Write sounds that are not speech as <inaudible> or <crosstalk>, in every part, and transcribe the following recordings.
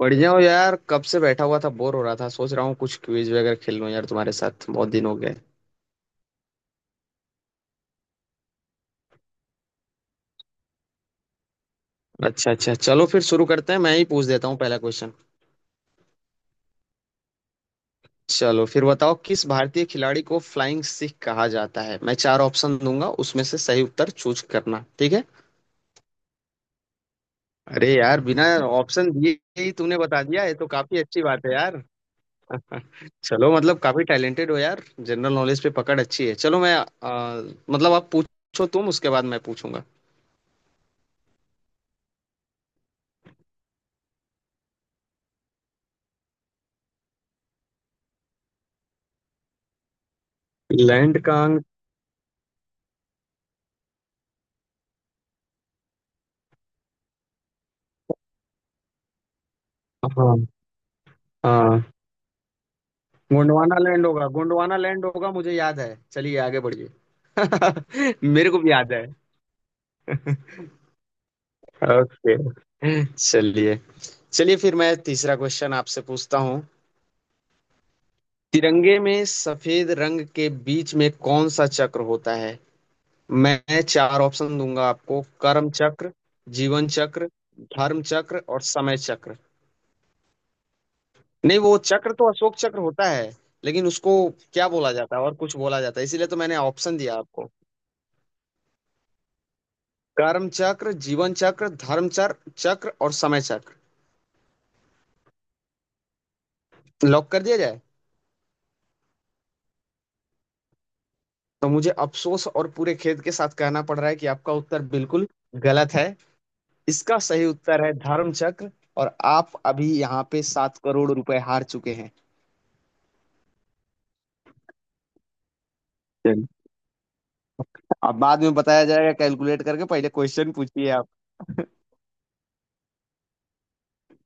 बढ़िया हो यार। कब से बैठा हुआ था, बोर हो रहा था। सोच रहा हूँ कुछ क्विज वगैरह खेल लूँ यार, तुम्हारे साथ बहुत दिन हो गए। अच्छा अच्छा, चलो फिर शुरू करते हैं। मैं ही पूछ देता हूँ पहला क्वेश्चन। चलो फिर बताओ, किस भारतीय खिलाड़ी को फ्लाइंग सिख कहा जाता है? मैं चार ऑप्शन दूंगा, उसमें से सही उत्तर चूज करना, ठीक है? अरे यार, बिना ऑप्शन दिए ही तूने बता दिया, ये तो काफी अच्छी बात है यार। <laughs> चलो, मतलब काफी टैलेंटेड हो यार, जनरल नॉलेज पे पकड़ अच्छी है। चलो मैं मतलब आप पूछो, तुम उसके बाद मैं पूछूंगा। लैंड का अंक? हाँ। हाँ, गोंडवाना लैंड होगा, गोंडवाना लैंड होगा, मुझे याद है। चलिए आगे बढ़िए। <laughs> मेरे को भी याद है। <laughs> ओके। चलिए। चलिए फिर मैं तीसरा क्वेश्चन आपसे पूछता हूँ। तिरंगे में सफेद रंग के बीच में कौन सा चक्र होता है? मैं चार ऑप्शन दूंगा आपको। कर्म चक्र, जीवन चक्र, धर्म चक्र और समय चक्र। नहीं, वो चक्र तो अशोक चक्र होता है। लेकिन उसको क्या बोला जाता है? और कुछ बोला जाता है, इसीलिए तो मैंने ऑप्शन दिया। कर्म चक्र, जीवन चक्र, धर्म चक्र चक्र और समय चक्र। लॉक कर दिया जाए। तो मुझे अफसोस और पूरे खेद के साथ कहना पड़ रहा है कि आपका उत्तर बिल्कुल गलत है। इसका सही उत्तर है धर्म चक्र। और आप अभी यहाँ पे 7 करोड़ रुपए हार चुके हैं। चलिए, अब बाद में बताया जाएगा कैलकुलेट करके। पहले क्वेश्चन पूछिए आप।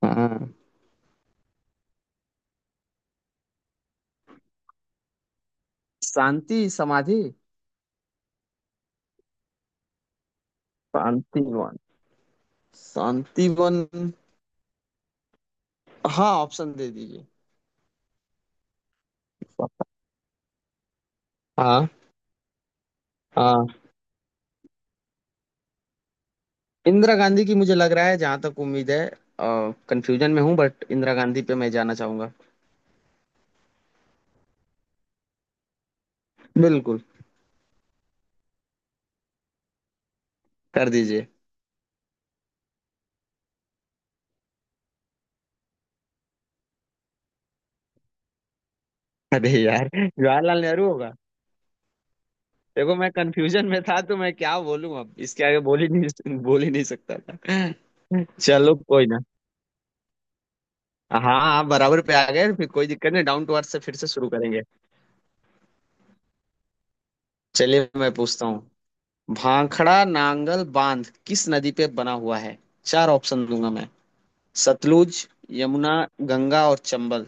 हाँ। शांति समाधि? शांतिवन? शांतिवन? हाँ, ऑप्शन दे दीजिए। हाँ। हाँ। इंदिरा गांधी की मुझे लग रहा है, जहां तक उम्मीद है। कंफ्यूजन में हूँ, बट इंदिरा गांधी पे मैं जाना चाहूंगा। बिल्कुल। कर दीजिए। अरे यार, जवाहरलाल नेहरू होगा। देखो, मैं कंफ्यूजन में था, तो मैं क्या बोलूं? अब इसके आगे बोल ही नहीं सकता था। चलो कोई ना। हाँ, आप बराबर पे आ गए, फिर कोई दिक्कत नहीं। डाउन टू अर्थ से फिर से शुरू करेंगे। चलिए, मैं पूछता हूँ। भाखड़ा नांगल बांध किस नदी पे बना हुआ है? चार ऑप्शन दूंगा मैं। सतलुज, यमुना, गंगा और चंबल।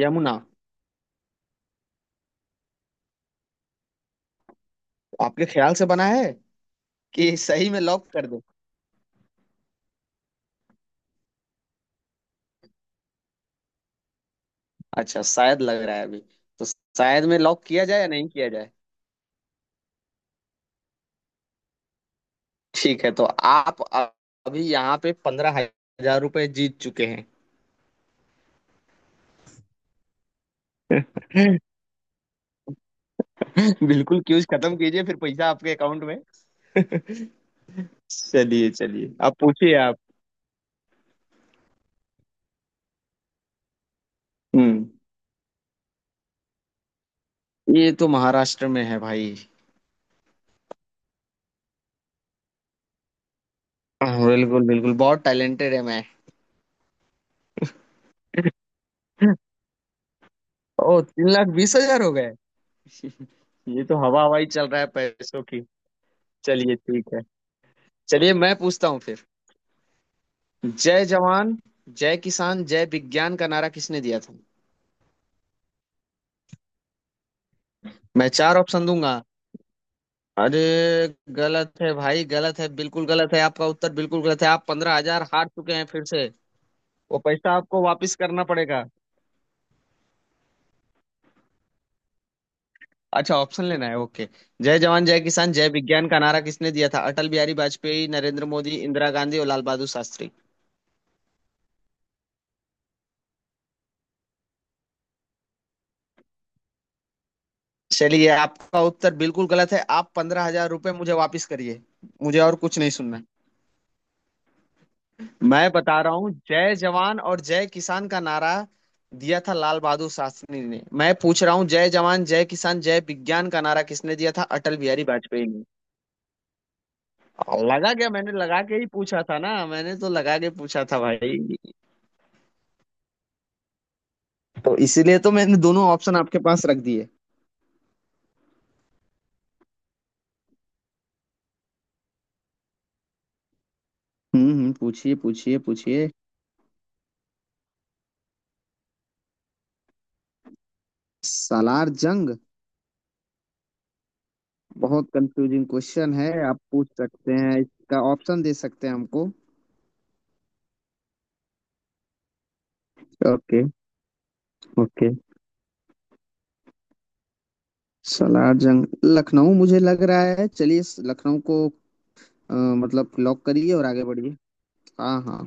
यमुना? आपके ख्याल से बना है, कि सही में लॉक कर दो? अच्छा, शायद लग रहा है अभी। तो शायद में लॉक किया जाए या नहीं किया जाए? ठीक है, तो आप अभी यहाँ पे 15,000 रुपए जीत चुके हैं। <laughs> बिल्कुल, क्यूज खत्म कीजिए फिर पैसा आपके अकाउंट में। चलिए चलिए, आप पूछिए आप। हम्म। ये तो महाराष्ट्र में है भाई। हाँ, बिल्कुल बिल्कुल, बहुत टैलेंटेड है मैं। <laughs> ओ, 3,20,000 हो गए। <laughs> ये तो हवा हवाई चल रहा है पैसों की। चलिए ठीक है। चलिए मैं पूछता हूँ फिर। जय जवान जय किसान जय विज्ञान का नारा किसने दिया था? मैं चार ऑप्शन दूंगा। अरे! गलत है भाई, गलत है, बिल्कुल गलत है, आपका उत्तर बिल्कुल गलत है। आप 15,000 हार चुके हैं फिर से। वो पैसा आपको वापस करना पड़ेगा। अच्छा, ऑप्शन लेना है, ओके। जय जवान जय किसान जय विज्ञान का नारा किसने दिया था? अटल बिहारी वाजपेयी, नरेंद्र मोदी, इंदिरा गांधी और लाल बहादुर शास्त्री। चलिए, आपका उत्तर बिल्कुल गलत है, आप पंद्रह हजार रुपये मुझे वापस करिए। मुझे और कुछ नहीं सुनना। मैं बता रहा हूँ, जय जवान और जय किसान का नारा दिया था लाल बहादुर शास्त्री ने। मैं पूछ रहा हूँ, जय जवान जय किसान जय विज्ञान का नारा किसने दिया था? अटल बिहारी वाजपेयी ने। लगा क्या मैंने? लगा के ही पूछा था ना, मैंने तो लगा के पूछा था भाई। तो इसीलिए तो मैंने दोनों ऑप्शन आपके पास रख दिए। पूछिए पूछिए पूछिए। सालार जंग? बहुत कंफ्यूजिंग क्वेश्चन है, आप पूछ सकते हैं इसका ऑप्शन, दे सकते हैं हमको। ओके। ओके। सलार जंग लखनऊ मुझे लग रहा है, चलिए इस लखनऊ को अ, मतलब लॉक करिए और आगे बढ़िए। हाँ हाँ।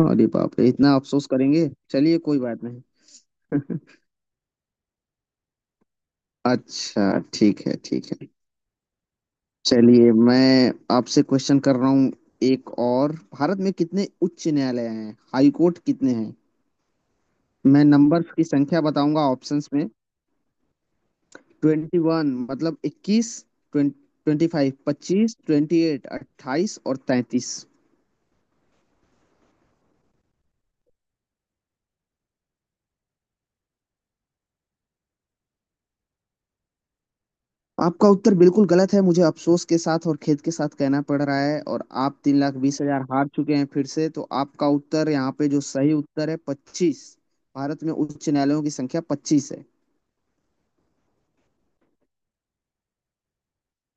अरे बाप रे, इतना अफसोस करेंगे? चलिए कोई बात नहीं। <laughs> अच्छा, ठीक है ठीक है। चलिए, मैं आपसे क्वेश्चन कर रहा हूँ एक और। भारत में कितने उच्च न्यायालय हैं? हाई कोर्ट कितने हैं? मैं नंबर्स की संख्या बताऊंगा ऑप्शंस में। 21 मतलब 21, 25 25, 28 28 और 33। आपका उत्तर बिल्कुल गलत है, मुझे अफसोस के साथ और खेद के साथ कहना पड़ रहा है, और आप 3,20,000 हार चुके हैं फिर से। तो आपका उत्तर यहाँ पे, जो सही उत्तर है, 25। भारत में उच्च न्यायालयों की संख्या 25 है।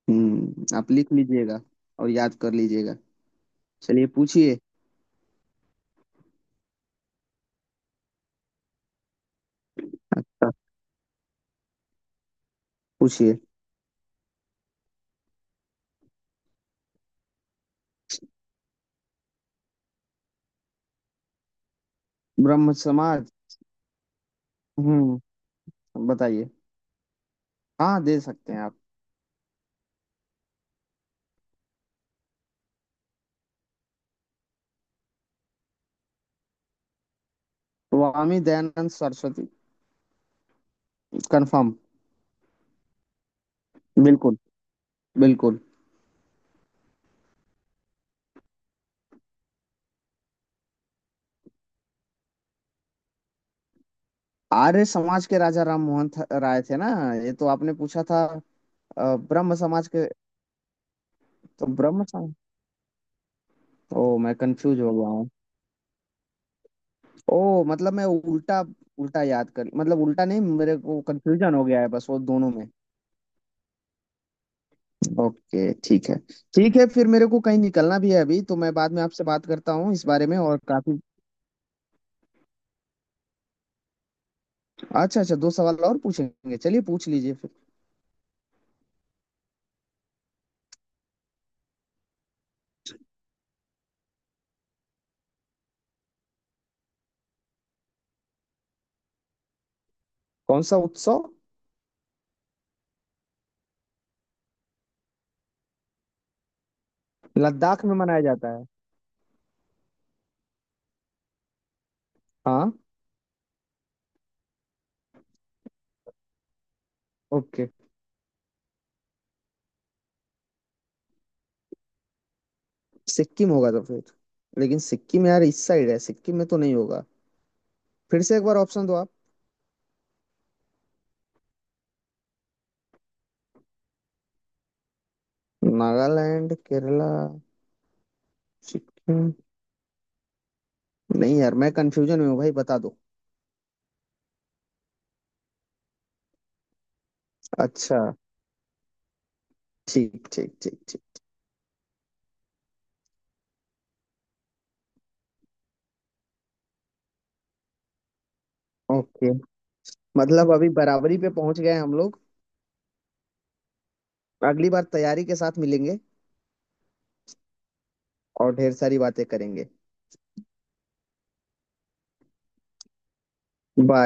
हम्म, आप लिख लीजिएगा और याद कर लीजिएगा। चलिए पूछिए। अच्छा पूछिए। ब्रह्म समाज? हम्म। बताइए। हाँ, दे सकते हैं आप। स्वामी दयानंद सरस्वती। कंफर्म। बिल्कुल। बिल्कुल। आर्य समाज के राजा राम मोहन राय थे ना? ये तो आपने पूछा था। ब्रह्म समाज के। तो ब्रह्म समाज। ओ, मैं कंफ्यूज हो गया हूँ। ओ मतलब मैं उल्टा, उल्टा याद कर, मतलब उल्टा नहीं, मेरे को कंफ्यूजन हो गया है बस, वो दोनों में। ओके ठीक है। ठीक है, फिर मेरे को कहीं निकलना भी है अभी तो मैं बाद में आपसे बात करता हूँ इस बारे में, और काफी। अच्छा अच्छा, दो सवाल और पूछेंगे, चलिए पूछ लीजिए फिर। कौन सा उत्सव? लद्दाख में मनाया जाता है। हाँ। ओके। सिक्किम होगा तो फिर। लेकिन सिक्किम यार इस साइड है, सिक्किम में तो नहीं होगा। फिर से एक बार ऑप्शन दो आप। नागालैंड, केरला। हम्म, नहीं यार, मैं कंफ्यूजन में हूँ भाई, बता दो। अच्छा। ठीक ठीक ठीक ठीक। ओके। मतलब अभी बराबरी पे पहुंच गए हम लोग। अगली बार तैयारी के साथ मिलेंगे और ढेर सारी बातें करेंगे। बाय।